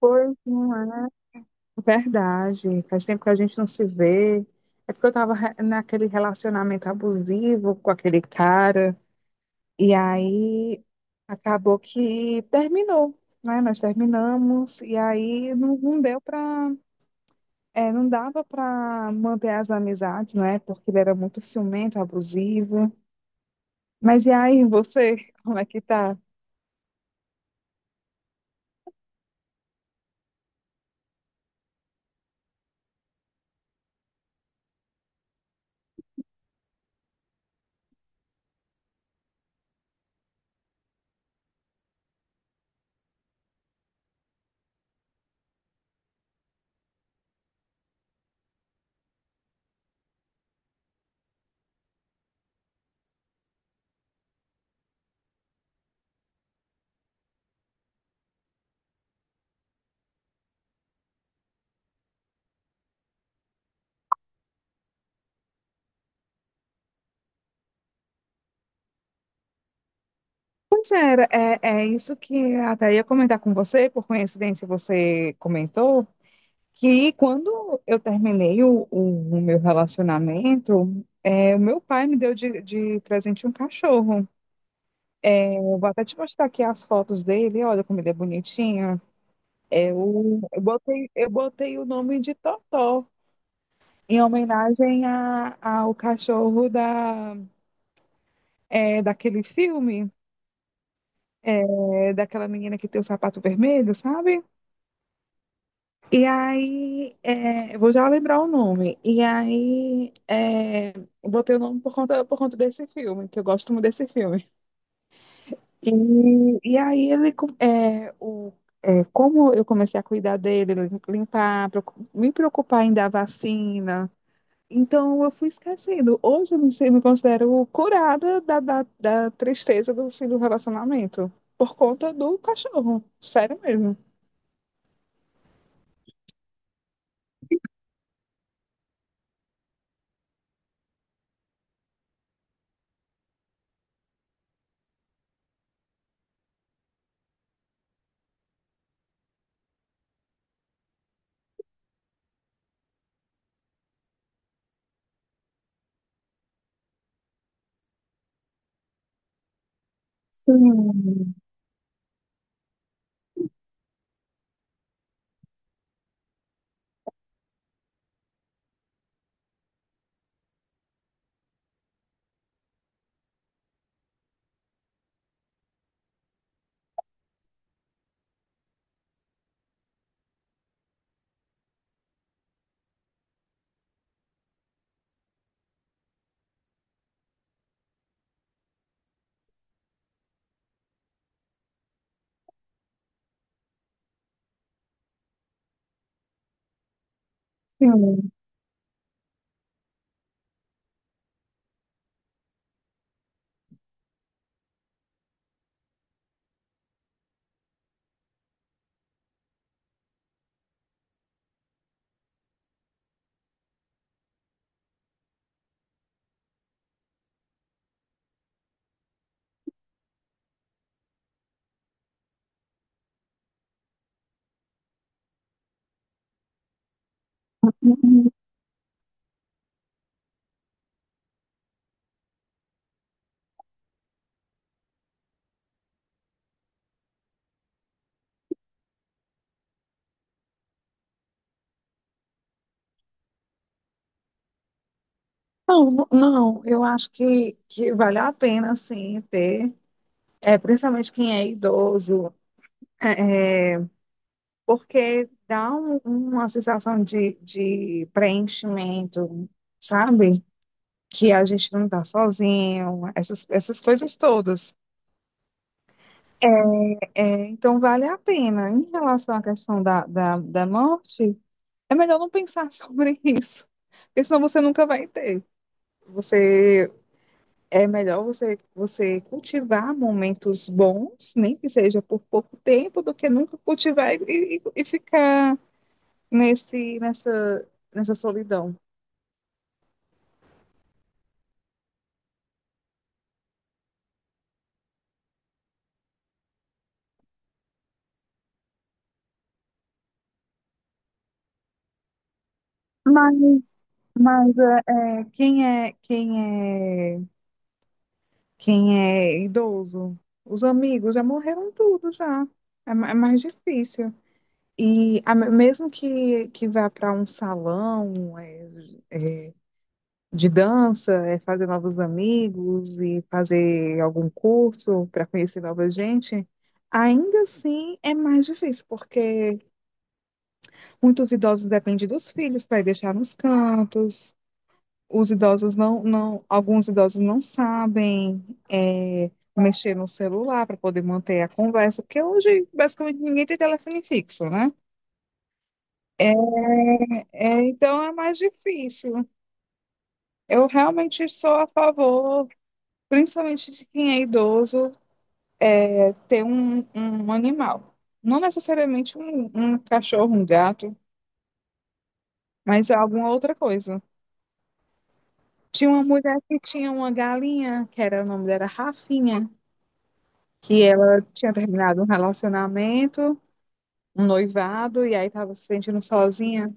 Pois não é verdade. Faz tempo que a gente não se vê. É porque eu tava naquele relacionamento abusivo com aquele cara. E aí acabou que terminou, né? Nós terminamos. E aí não deu pra. Não dava pra manter as amizades, né? Porque ele era muito ciumento, abusivo. Mas e aí, você, como é que tá? Pois é, é isso que até ia comentar com você, por coincidência você comentou. Que quando eu terminei o meu relacionamento, o meu pai me deu de presente um cachorro. Eu vou até te mostrar aqui as fotos dele, olha como ele é bonitinho. Eu botei o nome de Totó, em homenagem ao cachorro daquele filme, daquela menina que tem o sapato vermelho, sabe? E aí, eu vou já lembrar o nome. E aí, eu botei o nome por conta desse filme, que eu gosto muito desse filme. E aí, ele, com- é, o, é, como eu comecei a cuidar dele, limpar, me preocupar em dar vacina. Então, eu fui esquecendo. Hoje, eu me considero curada da tristeza do fim do relacionamento, por conta do cachorro. Sério mesmo. Sim, sim. Não, não, não, eu acho que vale a pena, sim, ter, principalmente quem é idoso, é, é, porque dá uma sensação de preenchimento, sabe? Que a gente não está sozinho, essas coisas todas. Então, vale a pena. Em relação à questão da morte, é melhor não pensar sobre isso, porque senão você nunca vai ter. Você é melhor você cultivar momentos bons, nem que seja por pouco tempo, do que nunca cultivar e ficar nesse, nessa, nessa solidão. Mas, mas quem é, quem é, quem é idoso? Os amigos já morreram tudo já. É mais difícil. E mesmo que vá para um salão, de dança, fazer novos amigos e fazer algum curso para conhecer nova gente, ainda assim é mais difícil, porque muitos idosos dependem dos filhos para deixar nos cantos. Os idosos não, alguns idosos não sabem mexer no celular para poder manter a conversa, porque hoje basicamente ninguém tem telefone fixo, né? Então é mais difícil. Eu realmente sou a favor, principalmente de quem é idoso, ter um animal. Não necessariamente um cachorro, um gato, mas alguma outra coisa. Tinha uma mulher que tinha uma galinha, que era o nome dela Rafinha, que ela tinha terminado um relacionamento, um noivado, e aí estava se sentindo sozinha.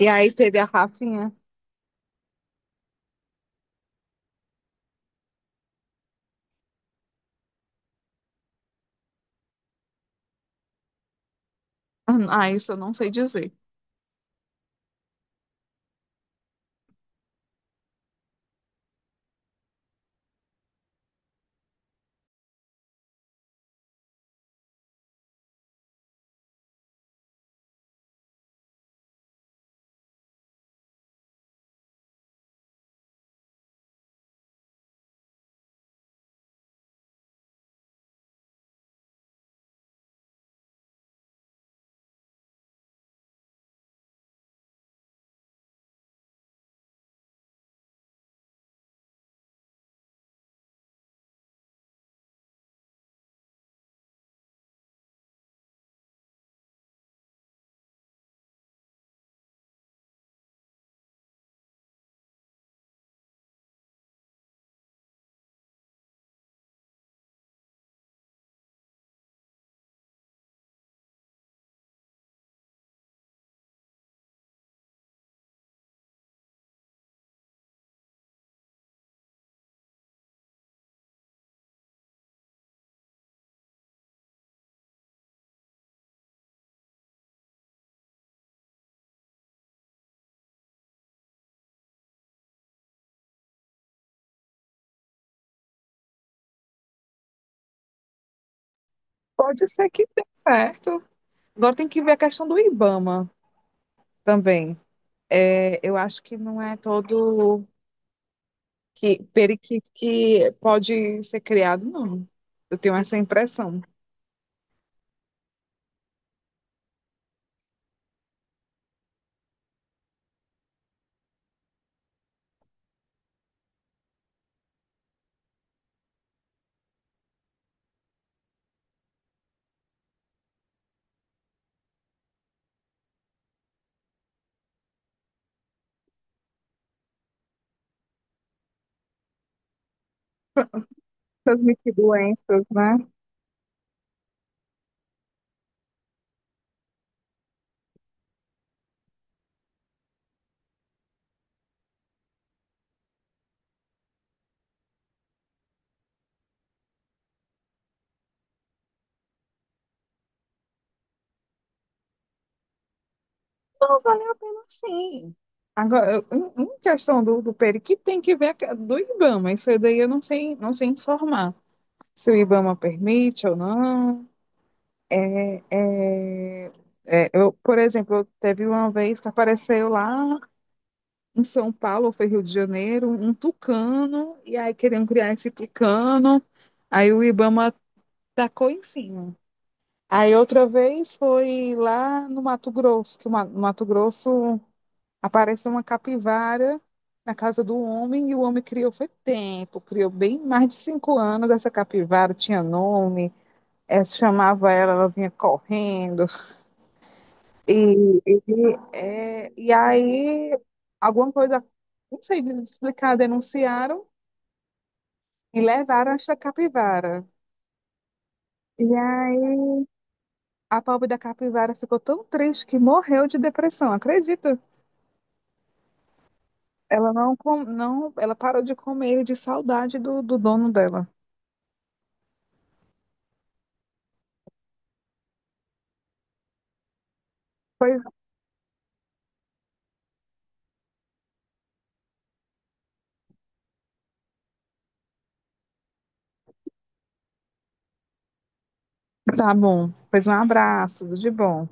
E aí teve a Rafinha. Ah, isso eu não sei dizer. Pode ser que dê certo. Agora tem que ver a questão do Ibama também. Eu acho que não é todo que periquito que pode ser criado, não. Eu tenho essa impressão. Transmitir doenças, né? Não valeu a pena sim. Agora, em questão do periquito, tem que ver do IBAMA. Isso daí eu não sei, não sei informar. Se o IBAMA permite ou não. É, eu, por exemplo, teve uma vez que apareceu lá em São Paulo, ou foi Rio de Janeiro, um tucano, e aí queriam criar esse tucano, aí o IBAMA tacou em cima. Aí outra vez foi lá no Mato Grosso, no Mato Grosso apareceu uma capivara na casa do homem e o homem criou foi tempo, criou bem mais de 5 anos essa capivara, tinha nome, chamava ela, ela vinha correndo e, e, e aí alguma coisa, não sei explicar, denunciaram e levaram essa capivara. E aí a pobre da capivara ficou tão triste que morreu de depressão, acredita? Ela não, não, ela parou de comer de saudade do dono dela. Tá bom. Pois um abraço, tudo de bom.